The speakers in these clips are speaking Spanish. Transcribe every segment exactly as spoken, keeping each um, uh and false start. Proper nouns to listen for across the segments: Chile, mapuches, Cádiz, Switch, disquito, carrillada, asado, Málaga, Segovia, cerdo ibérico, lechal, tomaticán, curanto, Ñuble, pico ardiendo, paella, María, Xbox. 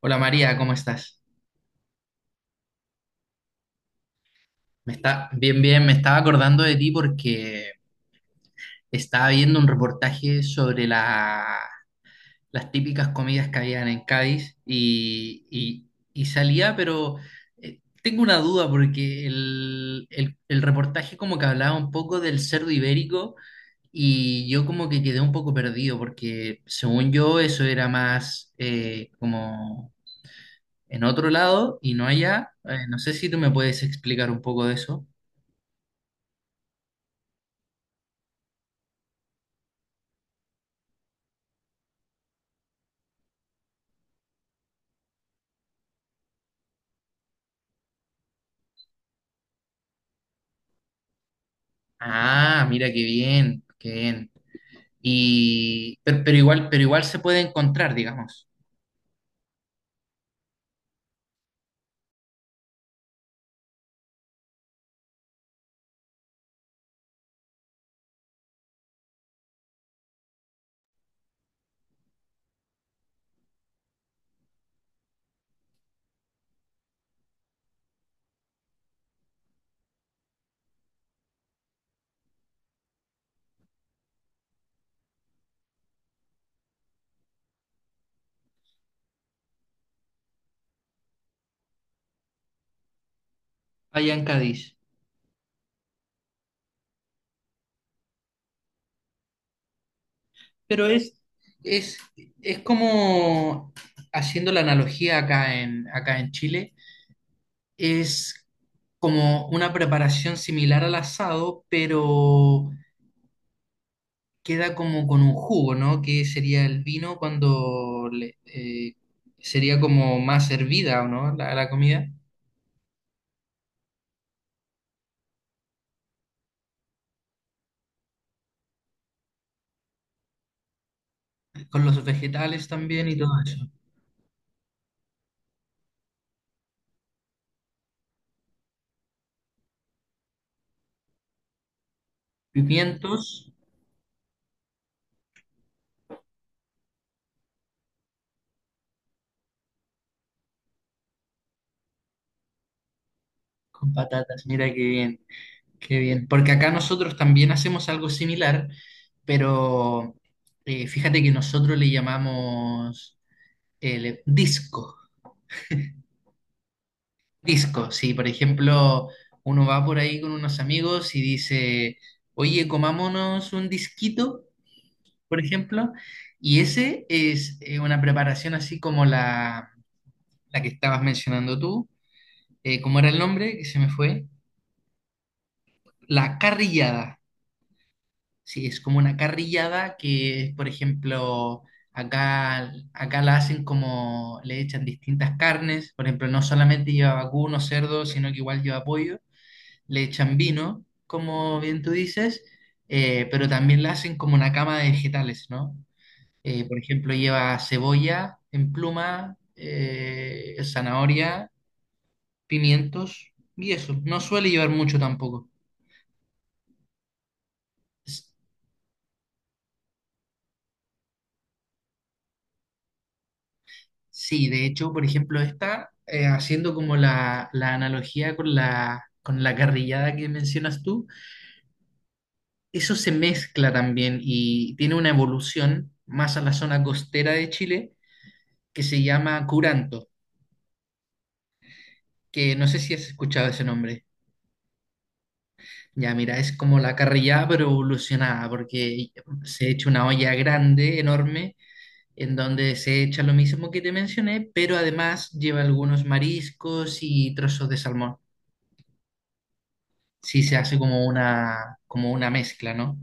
Hola María, ¿cómo estás? Me está bien, bien. Me estaba acordando de ti porque estaba viendo un reportaje sobre la- las típicas comidas que habían en Cádiz y, y- y salía, pero eh, tengo una duda porque el, el- el reportaje como que hablaba un poco del cerdo ibérico y yo como que quedé un poco perdido porque según yo eso era más eh, como en otro lado y no allá. Eh, no sé si tú me puedes explicar un poco de eso. Ah, mira qué bien, qué bien. Y, pero, pero igual, pero igual se puede encontrar, digamos, allá en Cádiz. Pero es, es, es como, haciendo la analogía acá en, acá en Chile, es como una preparación similar al asado, pero queda como con un jugo, ¿no? Que sería el vino cuando le- eh, sería como más hervida, ¿o no? La, la comida, con los vegetales también y todo eso. Pimientos con patatas, mira qué bien, qué bien. Porque acá nosotros también hacemos algo similar, pero eh, fíjate que nosotros le llamamos eh, le- disco. Disco, sí, por ejemplo uno va por ahí con unos amigos y dice, oye, comámonos un disquito, por ejemplo, y ese es eh, una preparación así como la, la que estabas mencionando tú. Eh, ¿cómo era el nombre? Que se me fue. La carrillada. Sí, es como una carrillada que, por ejemplo, acá, acá la hacen como le echan distintas carnes, por ejemplo, no solamente lleva vacuno, cerdo, sino que igual lleva pollo, le echan vino, como bien tú dices, eh, pero también la hacen como una cama de vegetales, ¿no? Eh, por ejemplo, lleva cebolla en pluma, eh, zanahoria, pimientos y eso. No suele llevar mucho tampoco. Sí, de hecho, por ejemplo, esta, eh, haciendo como la, la analogía con la, con la carrillada que mencionas tú, eso se mezcla también y tiene una evolución más a la zona costera de Chile que se llama curanto, que no sé si has escuchado ese nombre. Ya, mira, es como la carrillada pero evolucionada, porque se echa una olla grande, enorme, en donde se echa lo mismo que te mencioné, pero además lleva algunos mariscos y trozos de salmón. Sí, se hace como una, como una mezcla, ¿no?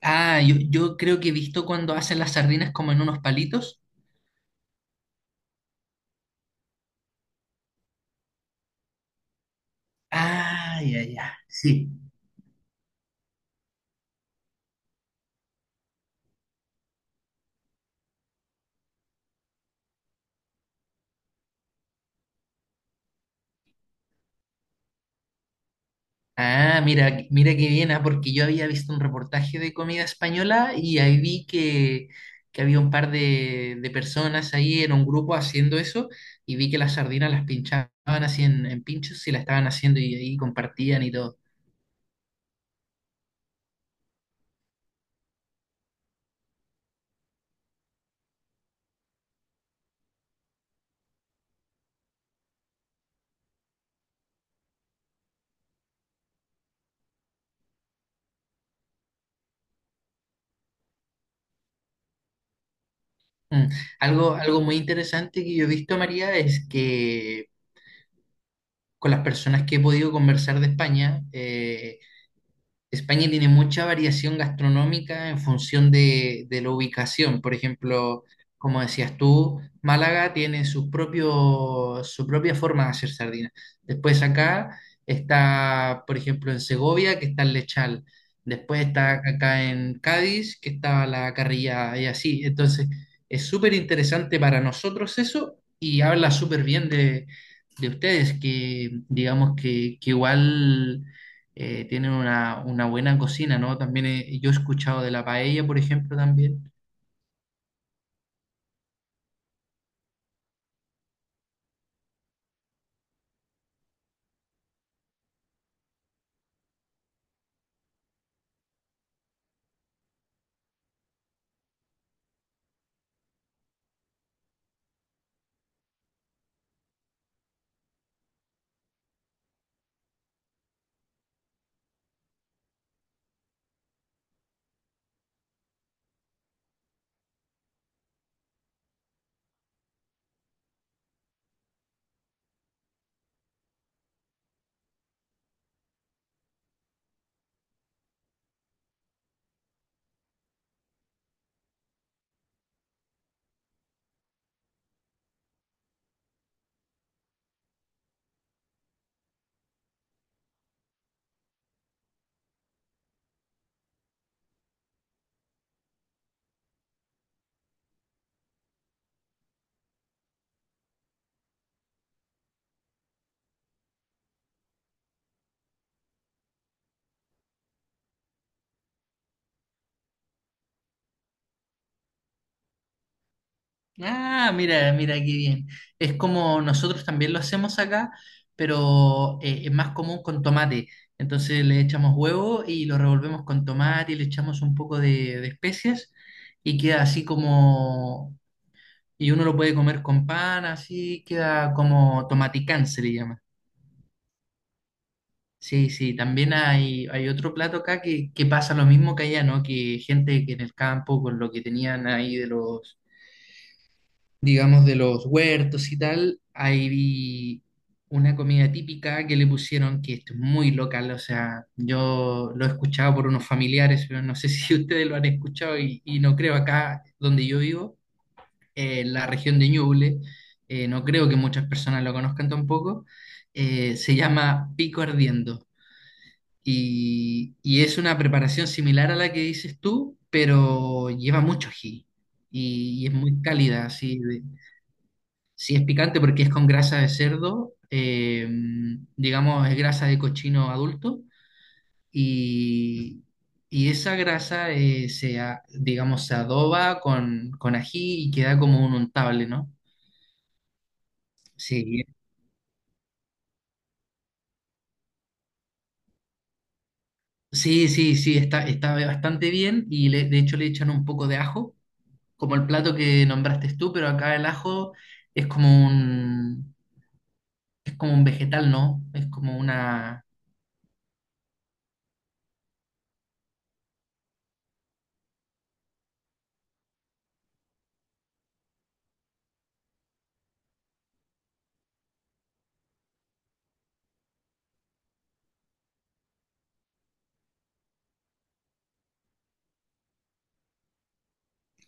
Ah, yo, yo creo que he visto cuando hacen las sardinas como en unos palitos. Ah, ya, ya, sí. Ah, mira, mira qué bien, ah, porque yo había visto un reportaje de comida española y ahí vi que, que había un par de, de personas ahí en un grupo haciendo eso y vi que las sardinas las pinchaban así en, en pinchos y las estaban haciendo y ahí compartían y todo. Mm. Algo, algo muy interesante que yo he visto, María, es que con las personas que he podido conversar de España, eh, España tiene mucha variación gastronómica en función de, de la ubicación. Por ejemplo, como decías tú, Málaga tiene su propio, su propia forma de hacer sardina. Después acá está, por ejemplo, en Segovia, que está el lechal. Después está acá en Cádiz, que está la carrilla y así. Entonces, es súper interesante para nosotros eso y habla súper bien de, de ustedes, que digamos que, que igual eh, tienen una, una buena cocina, ¿no? También he- yo he escuchado de la paella, por ejemplo, también. Ah, mira, mira qué bien. Es como nosotros también lo hacemos acá, pero eh, es más común con tomate. Entonces le echamos huevo y lo revolvemos con tomate y le echamos un poco de, de especias y queda así como... Y uno lo puede comer con pan, así queda como tomaticán, se le llama. Sí, sí, también hay, hay otro plato acá que, que pasa lo mismo que allá, ¿no? Que gente que en el campo, con lo que tenían ahí de los, digamos, de los huertos y tal, ahí vi una comida típica que le pusieron, que esto es muy local, o sea, yo lo he escuchado por unos familiares, pero no sé si ustedes lo han escuchado y, y no creo acá donde yo vivo, eh, en la región de Ñuble, eh, no creo que muchas personas lo conozcan tampoco, eh, se llama pico ardiendo. Y, y es una preparación similar a la que dices tú, pero lleva mucho ají y, y es muy cálida, así de- sí es picante porque es con grasa de cerdo, eh, digamos es grasa de cochino adulto y, y esa grasa eh, se, a- digamos, se adoba con, con ají y queda como un untable, ¿no? Sí, sí, sí, sí, está, está bastante bien y le- de hecho le echan un poco de ajo como el plato que nombraste tú, pero acá el ajo es como un, es como un vegetal, ¿no? Es como una...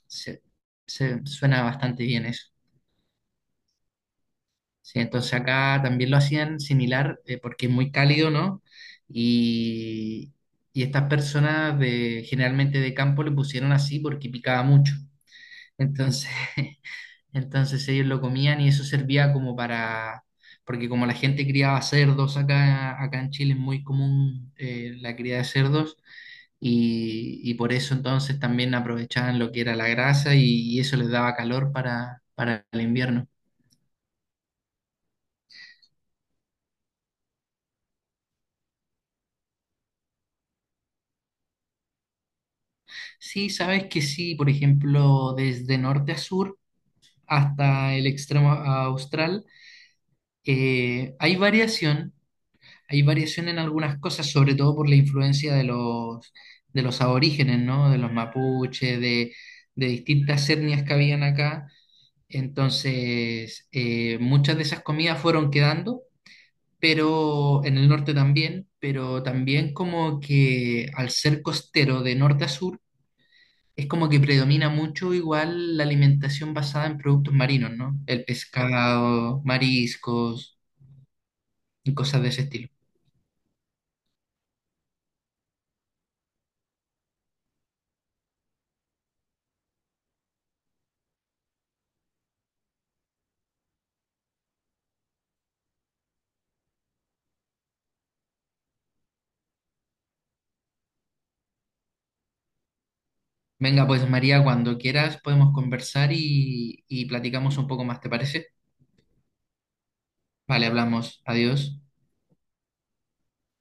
Se, se- suena bastante bien eso. Sí, entonces acá también lo hacían similar eh, porque es muy cálido, ¿no? Y, y estas personas de, generalmente de campo le pusieron así porque picaba mucho. Entonces... Entonces ellos lo comían y eso servía como para, porque como la gente criaba cerdos acá, acá en Chile es muy común eh, la cría de cerdos y, y por eso entonces también aprovechaban lo que era la grasa y, y eso les daba calor para, para el invierno. Sí, sabes que sí, por ejemplo, desde norte a sur hasta el extremo austral eh, hay variación Hay variación en algunas cosas, sobre todo por la influencia de los, de los aborígenes, ¿no? De los mapuches, de, de distintas etnias que habían acá. Entonces, eh, muchas de esas comidas fueron quedando, pero en el norte también, pero también como que al ser costero de norte a sur, es como que predomina mucho igual la alimentación basada en productos marinos, ¿no? El pescado, mariscos y cosas de ese estilo. Venga, pues María, cuando quieras podemos conversar y, y platicamos un poco más, ¿te parece? Vale, hablamos. Adiós.